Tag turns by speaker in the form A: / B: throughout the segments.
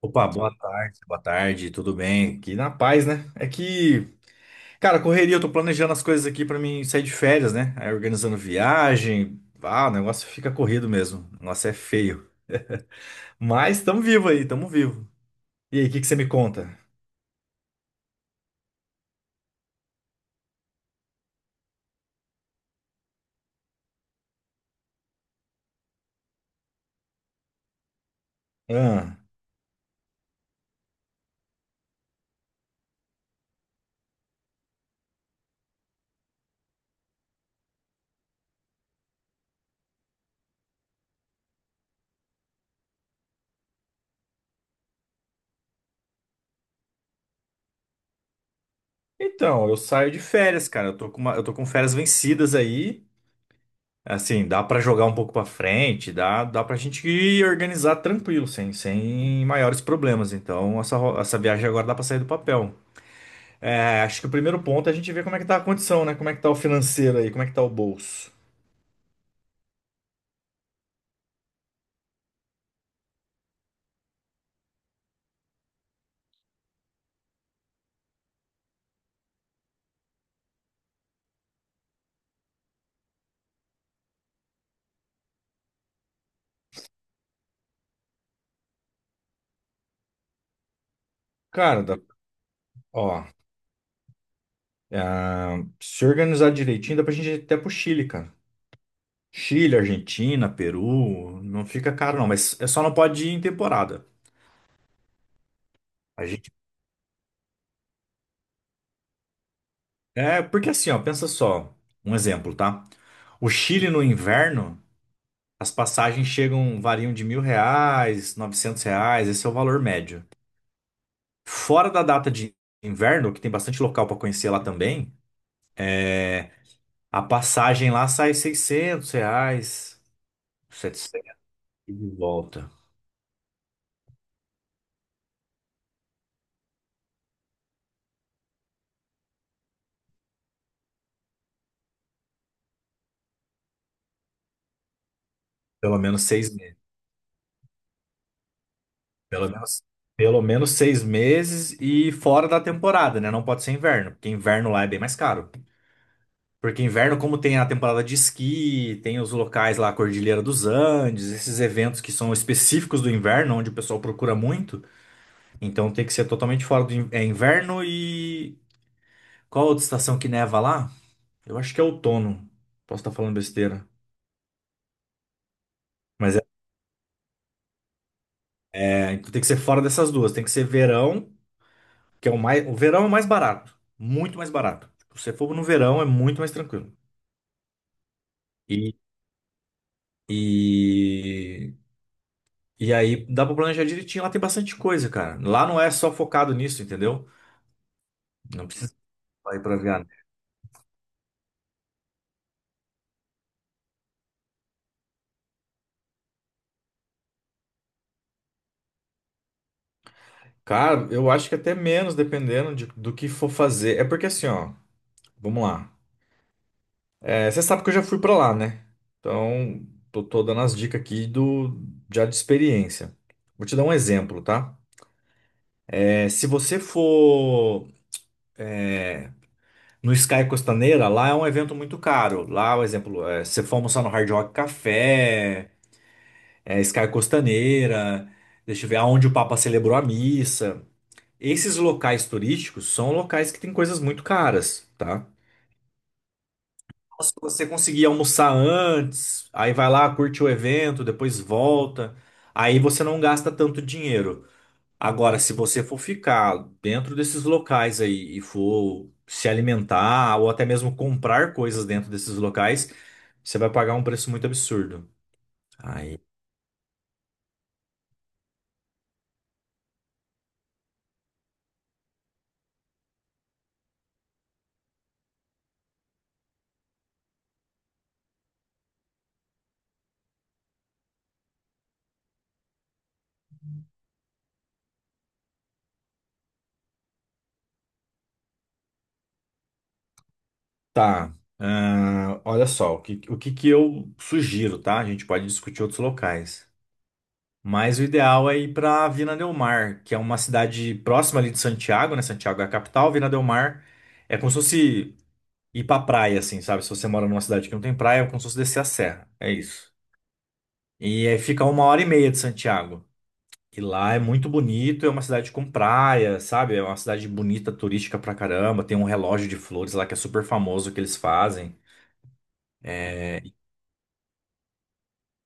A: Opa, boa tarde, tudo bem? Aqui na paz, né? É que, cara, correria, eu tô planejando as coisas aqui pra mim sair de férias, né? Aí organizando viagem, ah, o negócio fica corrido mesmo. O negócio é feio. Mas tamo vivo aí, tamo vivo. E aí, o que que você me conta? Ah, então, eu saio de férias, cara. Eu tô com eu tô com férias vencidas aí. Assim, dá pra jogar um pouco pra frente, dá pra gente ir organizar tranquilo, sem maiores problemas. Então, essa viagem agora dá pra sair do papel. É, acho que o primeiro ponto é a gente ver como é que tá a condição, né? Como é que tá o financeiro aí, como é que tá o bolso. Cara, ó, é, se organizar direitinho, dá pra gente ir até pro Chile, cara. Chile, Argentina, Peru, não fica caro não, mas é só não pode ir em temporada. A gente... É, porque assim, ó, pensa só, um exemplo, tá? O Chile no inverno, as passagens chegam, variam de R$ 1.000, R$ 900, esse é o valor médio. Fora da data de inverno, que tem bastante local pra conhecer lá também, é, a passagem lá sai R$ 600, 700 e de volta. Pelo menos 6 meses. Pelo menos, pelo menos 6 meses e fora da temporada, né? Não pode ser inverno, porque inverno lá é bem mais caro. Porque inverno, como tem a temporada de esqui, tem os locais lá, a Cordilheira dos Andes, esses eventos que são específicos do inverno, onde o pessoal procura muito. Então tem que ser totalmente fora do inverno e. Qual a outra estação que neva lá? Eu acho que é outono. Posso estar falando besteira. Mas é É, então tem que ser fora dessas duas. Tem que ser verão, que é o mais. O verão é o mais barato. Muito mais barato. Tipo, se você for no verão, é muito mais tranquilo. E, e, e aí dá pra planejar direitinho. Lá tem bastante coisa, cara. Lá não é só focado nisso, entendeu? Não precisa ir pra viagem. Cara, eu acho que até menos, dependendo do que for fazer. É porque assim, ó. Vamos lá. É, você sabe que eu já fui pra lá, né? Então, tô dando as dicas aqui já de experiência. Vou te dar um exemplo, tá? É, se você for no Sky Costaneira, lá é um evento muito caro. Lá, por exemplo, se você for almoçar no Hard Rock Café, Sky Costaneira, deixa eu ver, aonde o Papa celebrou a missa. Esses locais turísticos são locais que têm coisas muito caras, tá? Se você conseguir almoçar antes, aí vai lá, curte o evento, depois volta, aí você não gasta tanto dinheiro. Agora, se você for ficar dentro desses locais aí e for se alimentar ou até mesmo comprar coisas dentro desses locais, você vai pagar um preço muito absurdo. Aí tá. Ah, olha só, o que que eu sugiro, tá? A gente pode discutir outros locais. Mas o ideal é ir para Vina del Mar, que é uma cidade próxima ali de Santiago, né? Santiago é a capital, Vina del Mar é como se fosse ir pra praia, assim, sabe? Se você mora numa cidade que não tem praia, é como se fosse descer a serra. É isso. E aí fica uma hora e meia de Santiago. E lá é muito bonito, é uma cidade com praia, sabe? É uma cidade bonita, turística pra caramba. Tem um relógio de flores lá que é super famoso que eles fazem. É,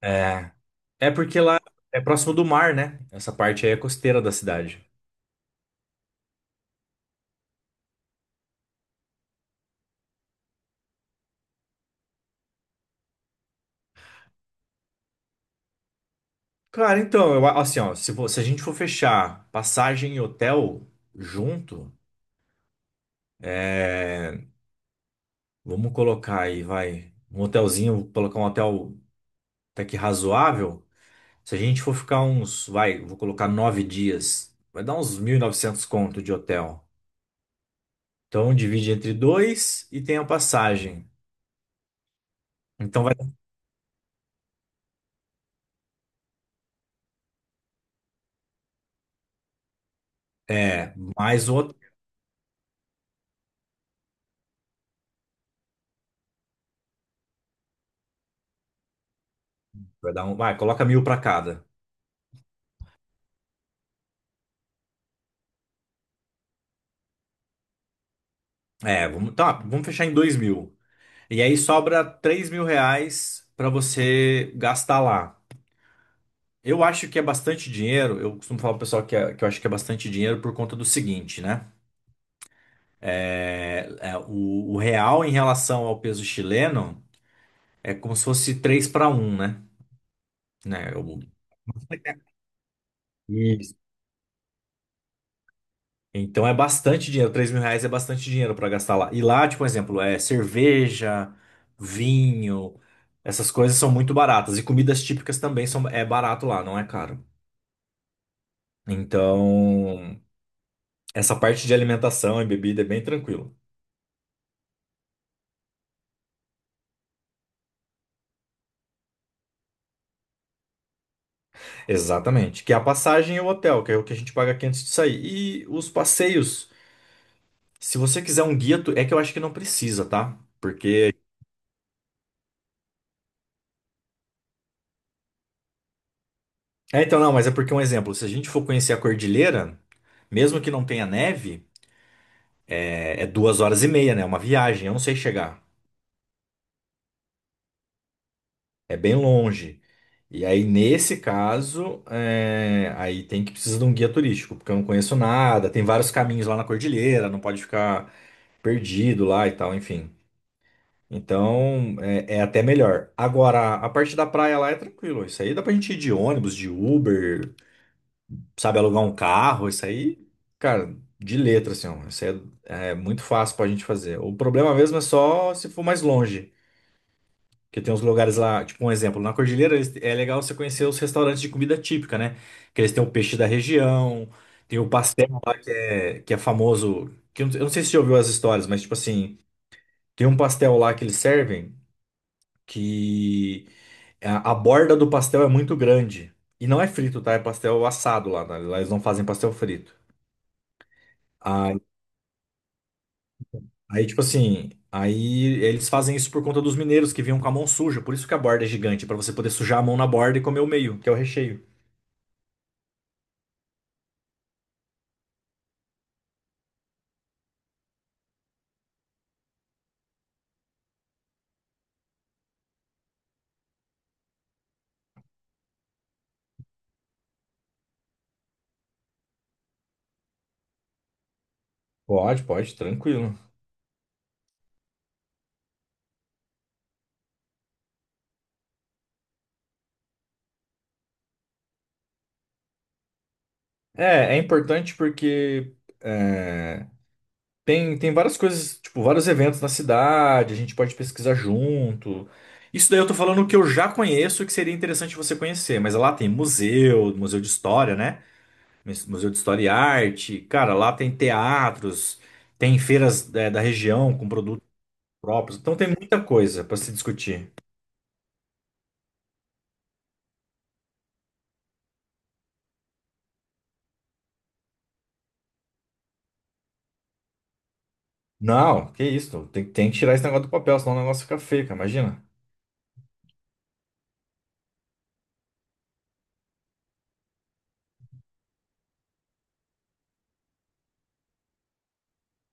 A: é, é porque lá é próximo do mar, né? Essa parte aí é costeira da cidade. Cara, então, assim, ó, se a gente for fechar passagem e hotel junto, é, vamos colocar aí, vai, um hotelzinho, colocar um hotel até que razoável. Se a gente for ficar uns, vai, vou colocar 9 dias, vai dar uns 1.900 conto de hotel. Então divide entre dois e tem a passagem. Então vai, mais o hotel, vai dar coloca mil para cada. É, vamos fechar em 2.000. E aí sobra R$ 3.000 para você gastar lá. Eu acho que é bastante dinheiro. Eu costumo falar pro pessoal que eu acho que é bastante dinheiro por conta do seguinte, né? O real em relação ao peso chileno é como se fosse 3 para um, né? Né, Isso. Então é bastante dinheiro. R$ 3.000 é bastante dinheiro para gastar lá. E lá, tipo, por exemplo, é cerveja, vinho, essas coisas são muito baratas. E comidas típicas também são, é barato lá, não é caro. Então, essa parte de alimentação e bebida é bem tranquilo. Exatamente. Que é a passagem e o hotel, que é o que a gente paga aqui antes de sair. E os passeios, se você quiser um guia, que eu acho que não precisa, tá? Porque então, não, mas é porque um exemplo, se a gente for conhecer a cordilheira, mesmo que não tenha neve, é 2 horas e meia, né? É uma viagem, eu não sei chegar. É bem longe. E aí, nesse caso, aí tem que precisar de um guia turístico, porque eu não conheço nada, tem vários caminhos lá na cordilheira, não pode ficar perdido lá e tal, enfim. Então, é até melhor. Agora, a parte da praia lá é tranquilo. Isso aí dá pra gente ir de ônibus, de Uber, sabe, alugar um carro, isso aí, cara, de letra, assim, ó, isso aí é muito fácil pra gente fazer. O problema mesmo é só se for mais longe, porque tem uns lugares lá, tipo um exemplo, na Cordilheira é legal você conhecer os restaurantes de comida típica, né? Que eles têm o peixe da região, tem o pastel lá que é famoso, que eu não sei se você já ouviu as histórias, mas tipo assim, tem um pastel lá que eles servem que a borda do pastel é muito grande. E não é frito, tá? É pastel assado lá, tá? Lá eles não fazem pastel frito. Aí, tipo assim, aí eles fazem isso por conta dos mineiros que vinham com a mão suja. Por isso que a borda é gigante, pra você poder sujar a mão na borda e comer o meio, que é o recheio. Pode, pode, tranquilo. É importante porque é, tem várias coisas, tipo, vários eventos na cidade, a gente pode pesquisar junto. Isso daí eu tô falando que eu já conheço e que seria interessante você conhecer, mas lá tem museu, museu de história, né? Museu de História e Arte, cara, lá tem teatros, tem feiras, da região com produtos próprios. Então tem muita coisa para se discutir. Não, que isso. Tem que tirar esse negócio do papel, senão o negócio fica feio, cara. Imagina.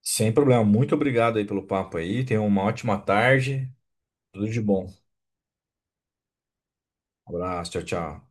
A: Sem problema. Muito obrigado aí pelo papo aí. Tenha uma ótima tarde. Tudo de bom. Abraço, tchau, tchau.